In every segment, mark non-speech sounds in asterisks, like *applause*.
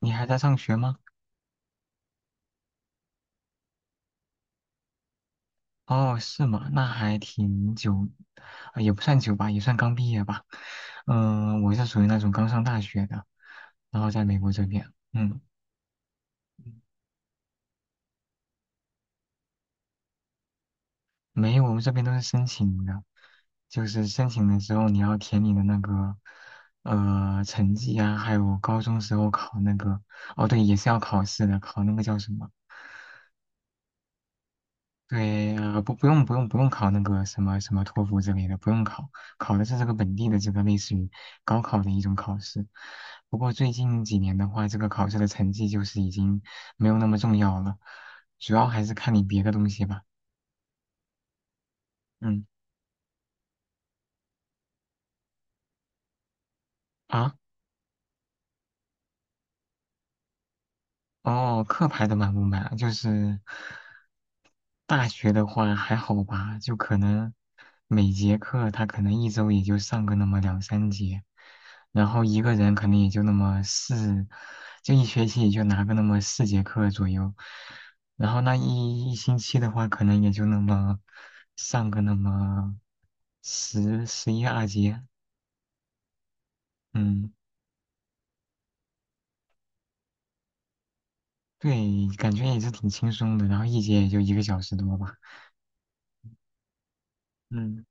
你还在上学吗？哦，是吗？那还挺久，也不算久吧，也算刚毕业吧。我是属于那种刚上大学的，然后在美国这边，没有，我们这边都是申请的，就是申请的时候你要填你的那个成绩啊，还有高中时候考那个，哦，对，也是要考试的，考那个叫什么？对，不用考那个什么托福之类的，不用考，考的是这个本地的这个类似于高考的一种考试。不过最近几年的话，这个考试的成绩就是已经没有那么重要了，主要还是看你别的东西吧。嗯，啊。哦，课排的满不满啊？就是大学的话还好吧，就可能每节课他可能一周也就上个那么两三节，然后一个人可能也就那么四，就一学期也就拿个那么4节课左右，然后那一星期的话，可能也就那么上个那么十一二节，嗯，对，感觉也是挺轻松的，然后一节也就一个小时多吧，嗯。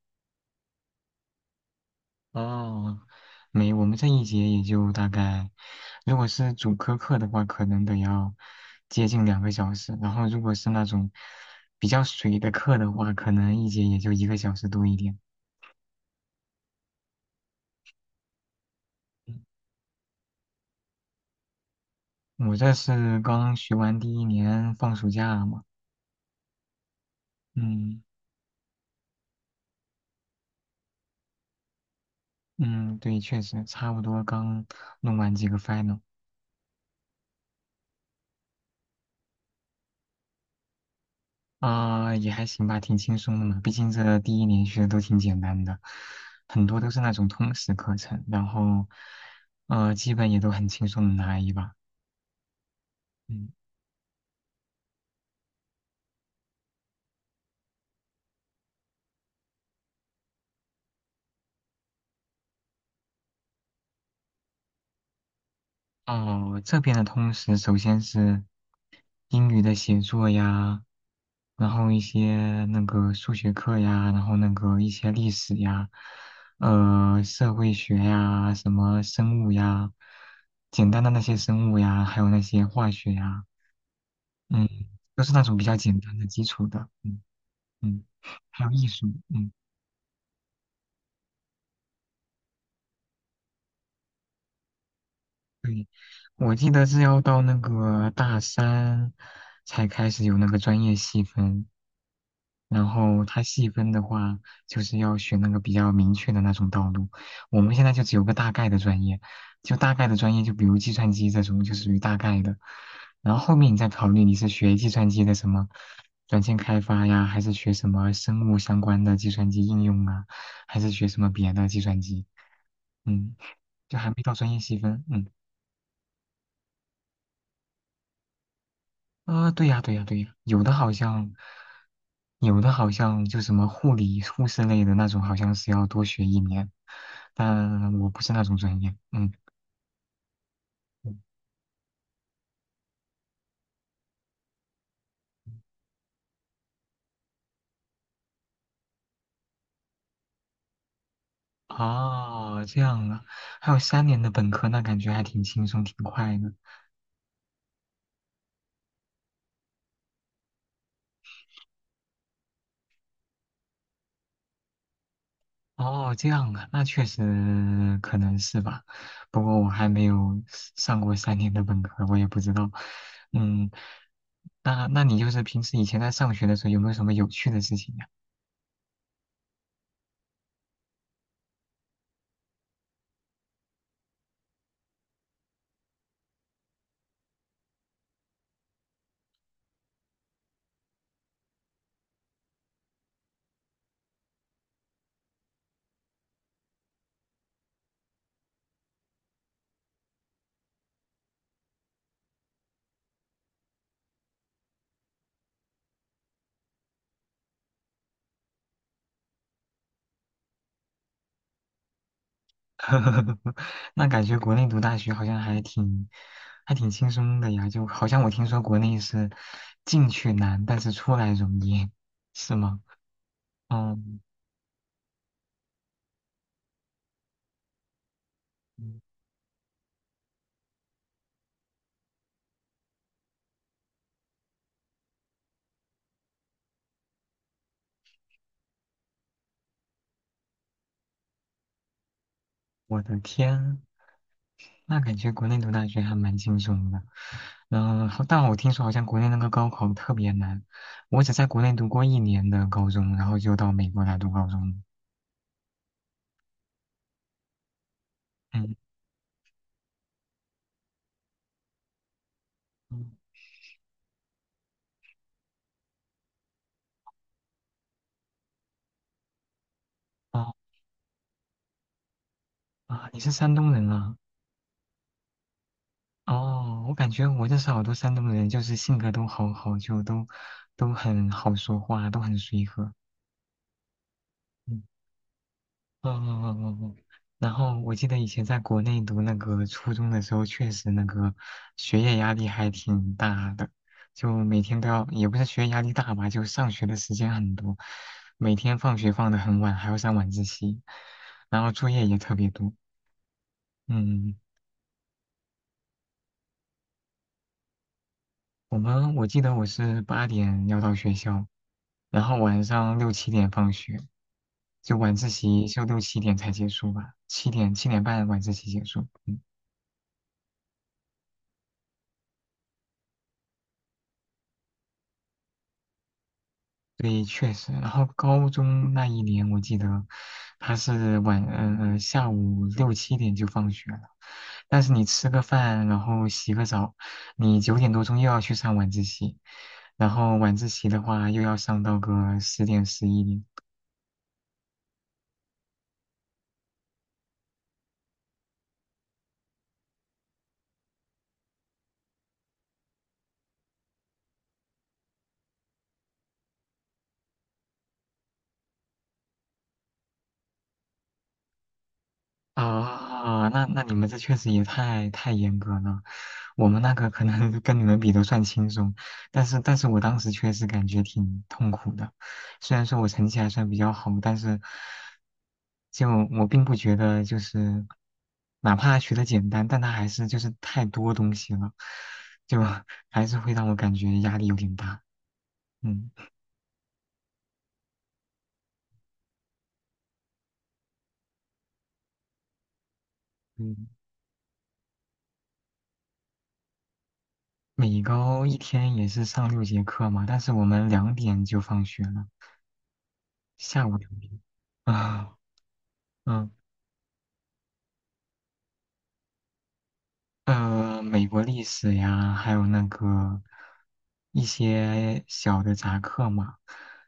哦，没，我们这一节也就大概，如果是主科课的话，可能得要接近2个小时，然后如果是那种比较水的课的话，可能一节也就一个小时多一点。我这是刚学完第一年放暑假嘛，嗯嗯，对，确实差不多刚弄完几个 final。啊、也还行吧，挺轻松的嘛。毕竟这第一年学的都挺简单的，很多都是那种通识课程，然后，基本也都很轻松的拿一把。嗯，哦，这边的通识首先是英语的写作呀，然后一些那个数学课呀，然后那个一些历史呀，社会学呀，什么生物呀，简单的那些生物呀，还有那些化学呀。嗯，都是那种比较简单的、基础的，嗯嗯，还有艺术，嗯。我记得是要到那个大三才开始有那个专业细分，然后它细分的话，就是要选那个比较明确的那种道路。我们现在就只有个大概的专业，就大概的专业，就比如计算机这种，就属于大概的。然后后面你再考虑你是学计算机的什么软件开发呀，还是学什么生物相关的计算机应用啊，还是学什么别的计算机？嗯，就还没到专业细分。嗯。啊，对呀，对呀，对呀，有的好像，有的好像就什么护理、护士类的那种，好像是要多学一年，但我不是那种专业，嗯，哦，这样啊，还有三年的本科，那感觉还挺轻松，挺快的。哦，这样啊，那确实可能是吧，不过我还没有上过三年的本科，我也不知道，嗯，那你就是平时以前在上学的时候有没有什么有趣的事情呀？*laughs* 呵呵呵，那感觉国内读大学好像还挺轻松的呀，就好像我听说国内是进去难，但是出来容易，是吗？嗯，嗯，我的天，那感觉国内读大学还蛮轻松的。然后，但我听说好像国内那个高考特别难，我只在国内读过一年的高中，然后就到美国来读高中了。嗯，嗯，哦，啊，你是山东人啊？哦，我感觉我认识好多山东人，就是性格都好好，就都很好说话，都很随和。嗯，哦哦哦哦哦，然后我记得以前在国内读那个初中的时候，确实那个学业压力还挺大的，就每天都要，也不是学业压力大吧，就上学的时间很多，每天放学放得很晚，还要上晚自习，然后作业也特别多。嗯。我记得我是8点要到学校，然后晚上六七点放学，就晚自习就六七点才结束吧，7点半晚自习结束。嗯，对，确实。然后高中那一年，我记得他是下午六七点就放学了，但是你吃个饭，然后洗个澡，你9点多钟又要去上晚自习，然后晚自习的话又要上到个10点、11点。啊，那你们这确实也太严格了，我们那个可能 *laughs* 跟你们比都算轻松，但是我当时确实感觉挺痛苦的，虽然说我成绩还算比较好，但是就我并不觉得就是哪怕学的简单，但它还是就是太多东西了，就还是会让我感觉压力有点大，嗯。嗯，每高一天也是上6节课嘛，但是我们两点就放学了，下午2点啊，嗯，美国历史呀，还有那个一些小的杂课嘛，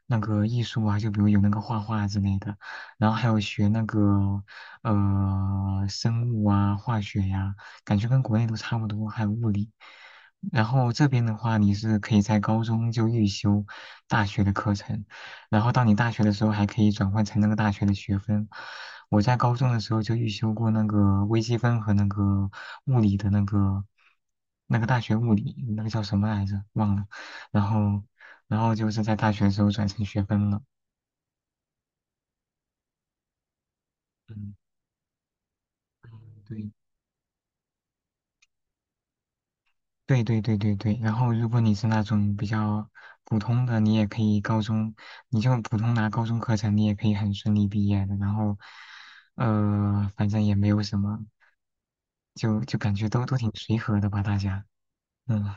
那个艺术啊，就比如有那个画画之类的，然后还有学那个生物啊、化学呀，感觉跟国内都差不多，还有物理。然后这边的话，你是可以在高中就预修大学的课程。然后到你大学的时候还可以转换成那个大学的学分。我在高中的时候就预修过那个微积分和那个物理的那个大学物理，那个叫什么来着？忘了。然后，然后就是在大学的时候转成学分了。嗯，对。对对对对对，然后如果你是那种比较普通的，你也可以高中，你就普通拿高中课程，你也可以很顺利毕业的。然后，反正也没有什么，就感觉都挺随和的吧，大家。嗯，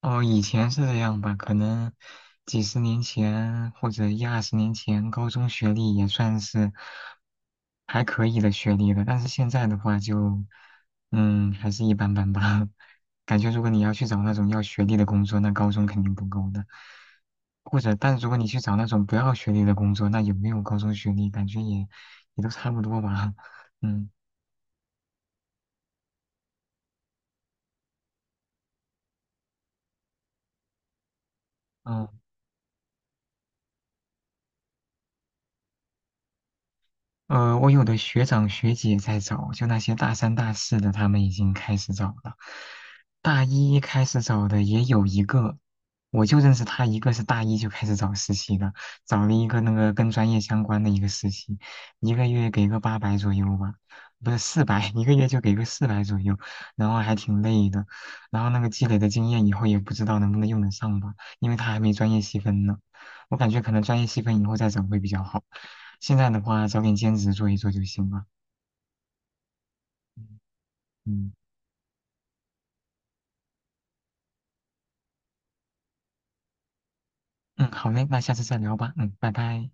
哦，以前是这样吧，可能几十年前或者一二十年前，高中学历也算是还可以的学历了。但是现在的话就，嗯，还是一般般吧。*laughs* 感觉如果你要去找那种要学历的工作，那高中肯定不够的。或者，但如果你去找那种不要学历的工作，那有没有高中学历，感觉也都差不多吧。*laughs* 嗯。嗯，我有的学长学姐在找，就那些大三、大四的，他们已经开始找了。大一开始找的也有一个，我就认识他一个，是大一就开始找实习的，找了一个那个跟专业相关的一个实习，一个月给个800左右吧，不是四百，一个月就给个四百左右，然后还挺累的，然后那个积累的经验以后也不知道能不能用得上吧，因为他还没专业细分呢，我感觉可能专业细分以后再找会比较好。现在的话，找点兼职做一做就行了。嗯嗯嗯，好嘞，那下次再聊吧。嗯，拜拜。